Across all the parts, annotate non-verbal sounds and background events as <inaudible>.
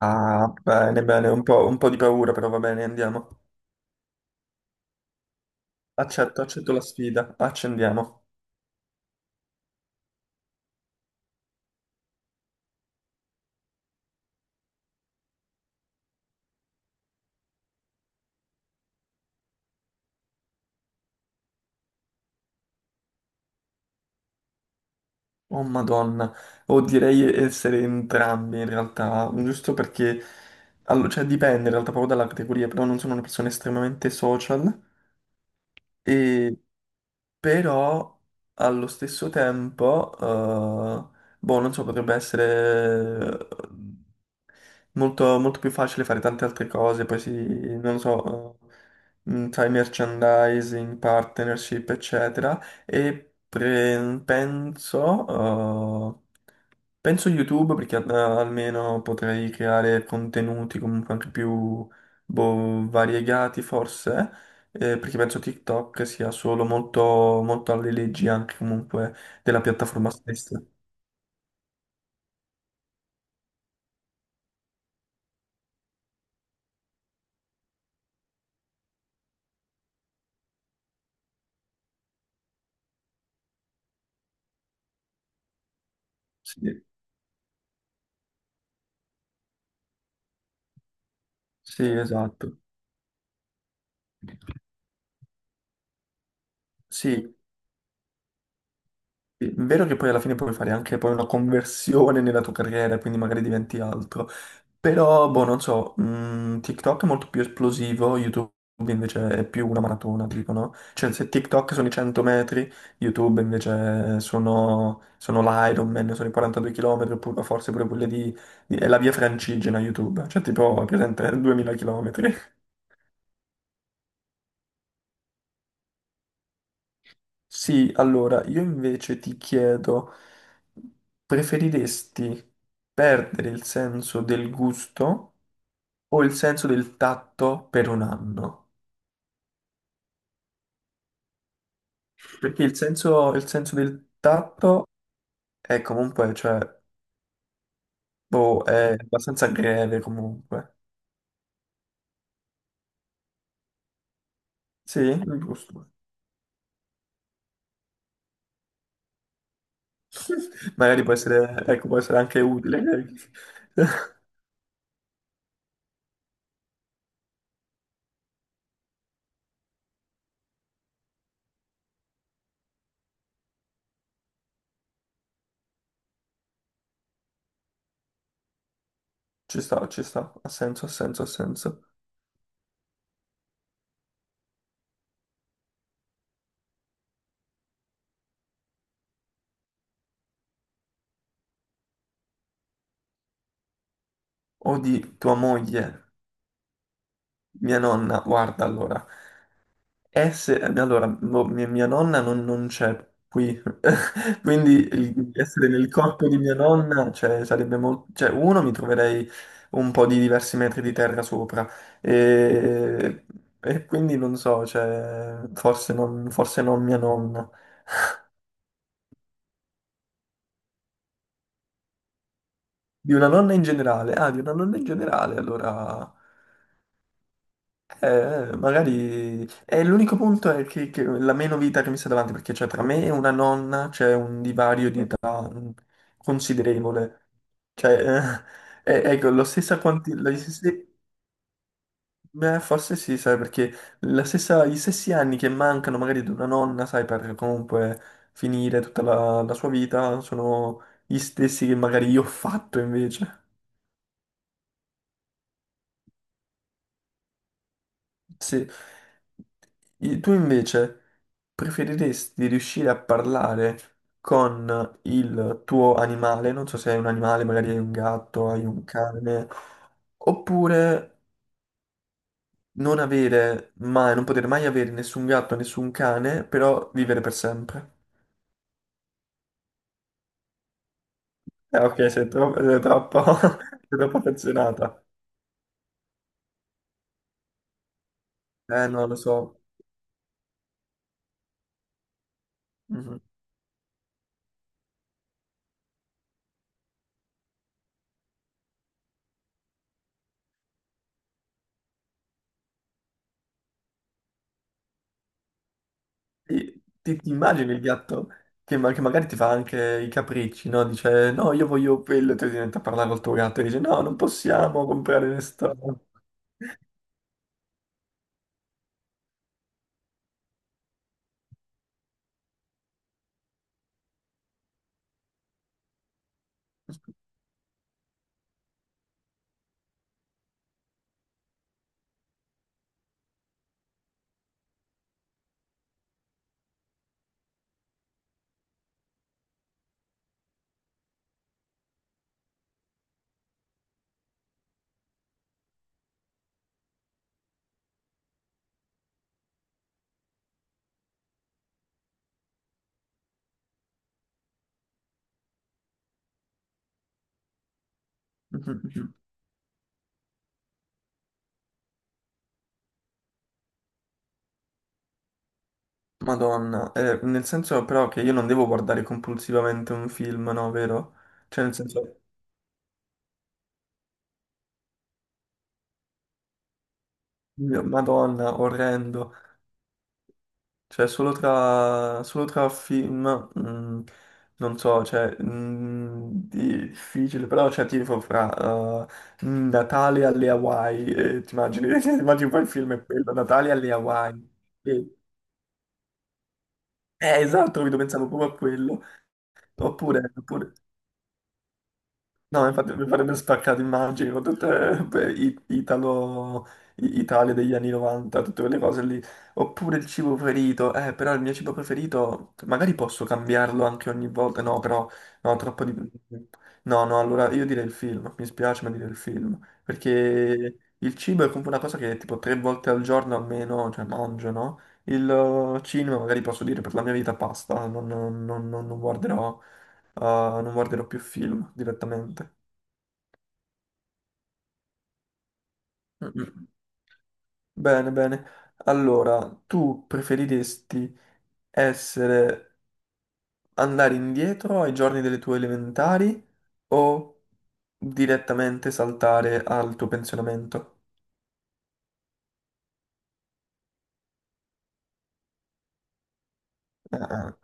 Ah, bene, bene, un po' di paura, però va bene, andiamo. Accetto, accetto la sfida, accendiamo. Oh Madonna, o direi essere entrambi in realtà, giusto perché, cioè dipende in realtà proprio dalla categoria, però non sono una persona estremamente social e però allo stesso tempo, boh, non so, potrebbe essere molto, molto più facile fare tante altre cose, poi si, non lo so, sai, merchandising, partnership, eccetera, e penso, eh, penso YouTube perché almeno potrei creare contenuti comunque anche più boh, variegati forse, perché penso TikTok sia solo molto, molto alle leggi anche comunque della piattaforma stessa. Sì, sì, esatto. Sì, sì, vero che poi alla fine puoi fare anche poi una conversione nella tua carriera, quindi magari diventi altro. Però, boh, non so, TikTok è molto più esplosivo, YouTube invece è più una maratona, dicono. Cioè, se TikTok sono i 100 metri, YouTube invece sono, sono l'Ironman, sono i 42 km, oppure forse pure quelle di, è la via francigena YouTube, cioè tipo, è presente, 2000 km. Sì, allora io invece ti chiedo, preferiresti perdere il senso del gusto o il senso del tatto per un anno? Perché il senso del tatto è comunque, cioè, boh, è abbastanza greve comunque. Sì, il gusto. <laughs> Magari può essere, ecco, può essere anche utile. <laughs> Ci sta, ha senso, ha senso, ha senso. O di tua moglie, mia nonna, guarda allora. Allora, mia nonna non, non c'è qui, <laughs> quindi essere nel corpo di mia nonna, cioè, sarebbe molto... Cioè, uno, mi troverei un po' di diversi metri di terra sopra, e, e quindi non so, cioè, forse non mia nonna. Di una nonna in generale, ah, di una nonna in generale, allora... magari è l'unico punto è che la meno vita che mi sta davanti, perché cioè, tra me e una nonna c'è un divario di età considerevole. Cioè, <laughs> ecco, la stessa quantità, forse sì, sai, perché la stessa, gli stessi anni che mancano magari ad una nonna, sai, per comunque finire tutta la, la sua vita, sono gli stessi che magari io ho fatto invece. Sì. Tu invece preferiresti riuscire a parlare con il tuo animale, non so se hai un animale, magari hai un gatto, hai un cane, oppure non avere mai, non poter mai avere nessun gatto, nessun cane, però vivere per sempre. Eh ok, sei troppo, <laughs> sei troppo affezionata. Eh no, lo so. Ti, ti immagini il gatto che, che magari ti fa anche i capricci, no? Dice no, io voglio quello, e tu ti metti a parlare col tuo gatto e dice no, non possiamo comprare restaurante. <laughs> Madonna, nel senso però che io non devo guardare compulsivamente un film, no, vero? Cioè nel senso, Madonna, orrendo. Cioè, solo tra film, mm, non so, cioè, mm, difficile, però, cioè, tipo fra Natale alle Hawaii, ti immagini, <laughs> ti immagini poi il film è quello, Natale alle Hawaii. Eh, esatto, capito, pensavo proprio a quello. Oppure, oppure- No, infatti mi farebbe spaccato, immagini, con tutte beh, Italo, Italia degli anni 90, tutte quelle cose lì. Oppure il cibo preferito, però il mio cibo preferito, magari posso cambiarlo anche ogni volta, no, però, no, troppo di... No, no, allora io direi il film, mi spiace ma direi il film, perché il cibo è comunque una cosa che tipo tre volte al giorno almeno, cioè mangio, no? Il cinema magari posso dire per la mia vita basta, non, non guarderò... non guarderò più film direttamente. Mm-mm. Bene, bene. Allora, tu preferiresti essere andare indietro ai giorni delle tue elementari o direttamente saltare al tuo pensionamento? Ah,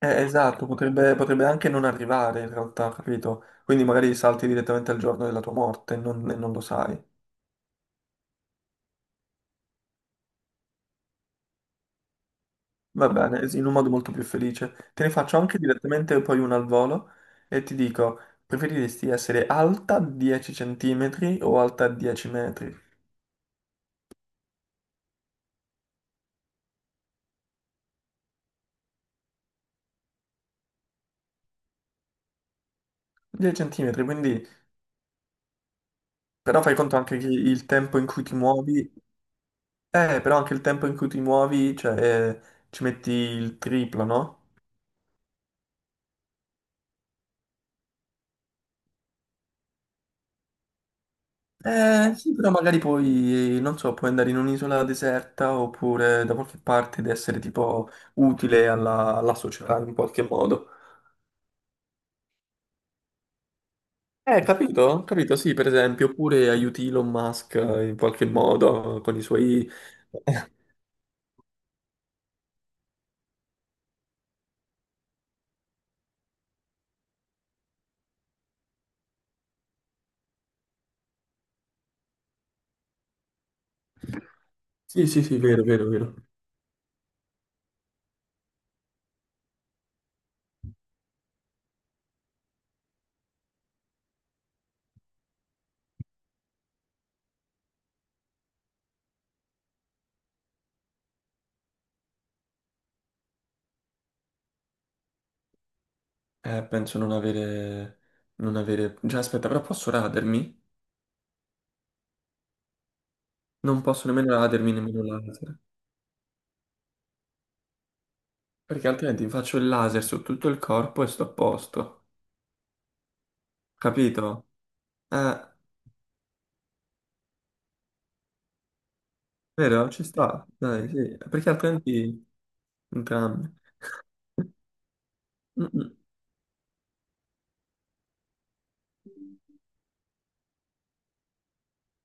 esatto, potrebbe, potrebbe anche non arrivare in realtà, capito? Quindi magari salti direttamente al giorno della tua morte e non lo sai. Va bene, sì, in un modo molto più felice. Te ne faccio anche direttamente poi uno al volo e ti dico, preferiresti essere alta 10 centimetri o alta 10 metri? 10 centimetri, quindi però fai conto anche che il tempo in cui ti muovi, però anche il tempo in cui ti muovi, cioè, eh, ci metti il triplo, no? Sì, però magari poi, non so, puoi andare in un'isola deserta oppure da qualche parte ed essere tipo utile alla società in qualche modo. Capito? Capito, sì, per esempio, oppure aiuti Elon Musk in qualche modo con i suoi... <laughs> Sì, sì, sì, vero, vero, vero. Penso non avere... non avere... Già, aspetta, però posso radermi? Non posso nemmeno radermi, nemmeno laser. Perché altrimenti faccio il laser su tutto il corpo e sto a posto. Capito? Eh, vero? Ci sta. Dai, sì. Perché altrimenti... Entrambi. <laughs>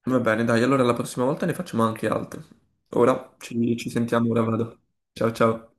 Va bene, dai, allora la prossima volta ne facciamo anche altre. Ora ci, ci sentiamo, ora vado. Ciao ciao.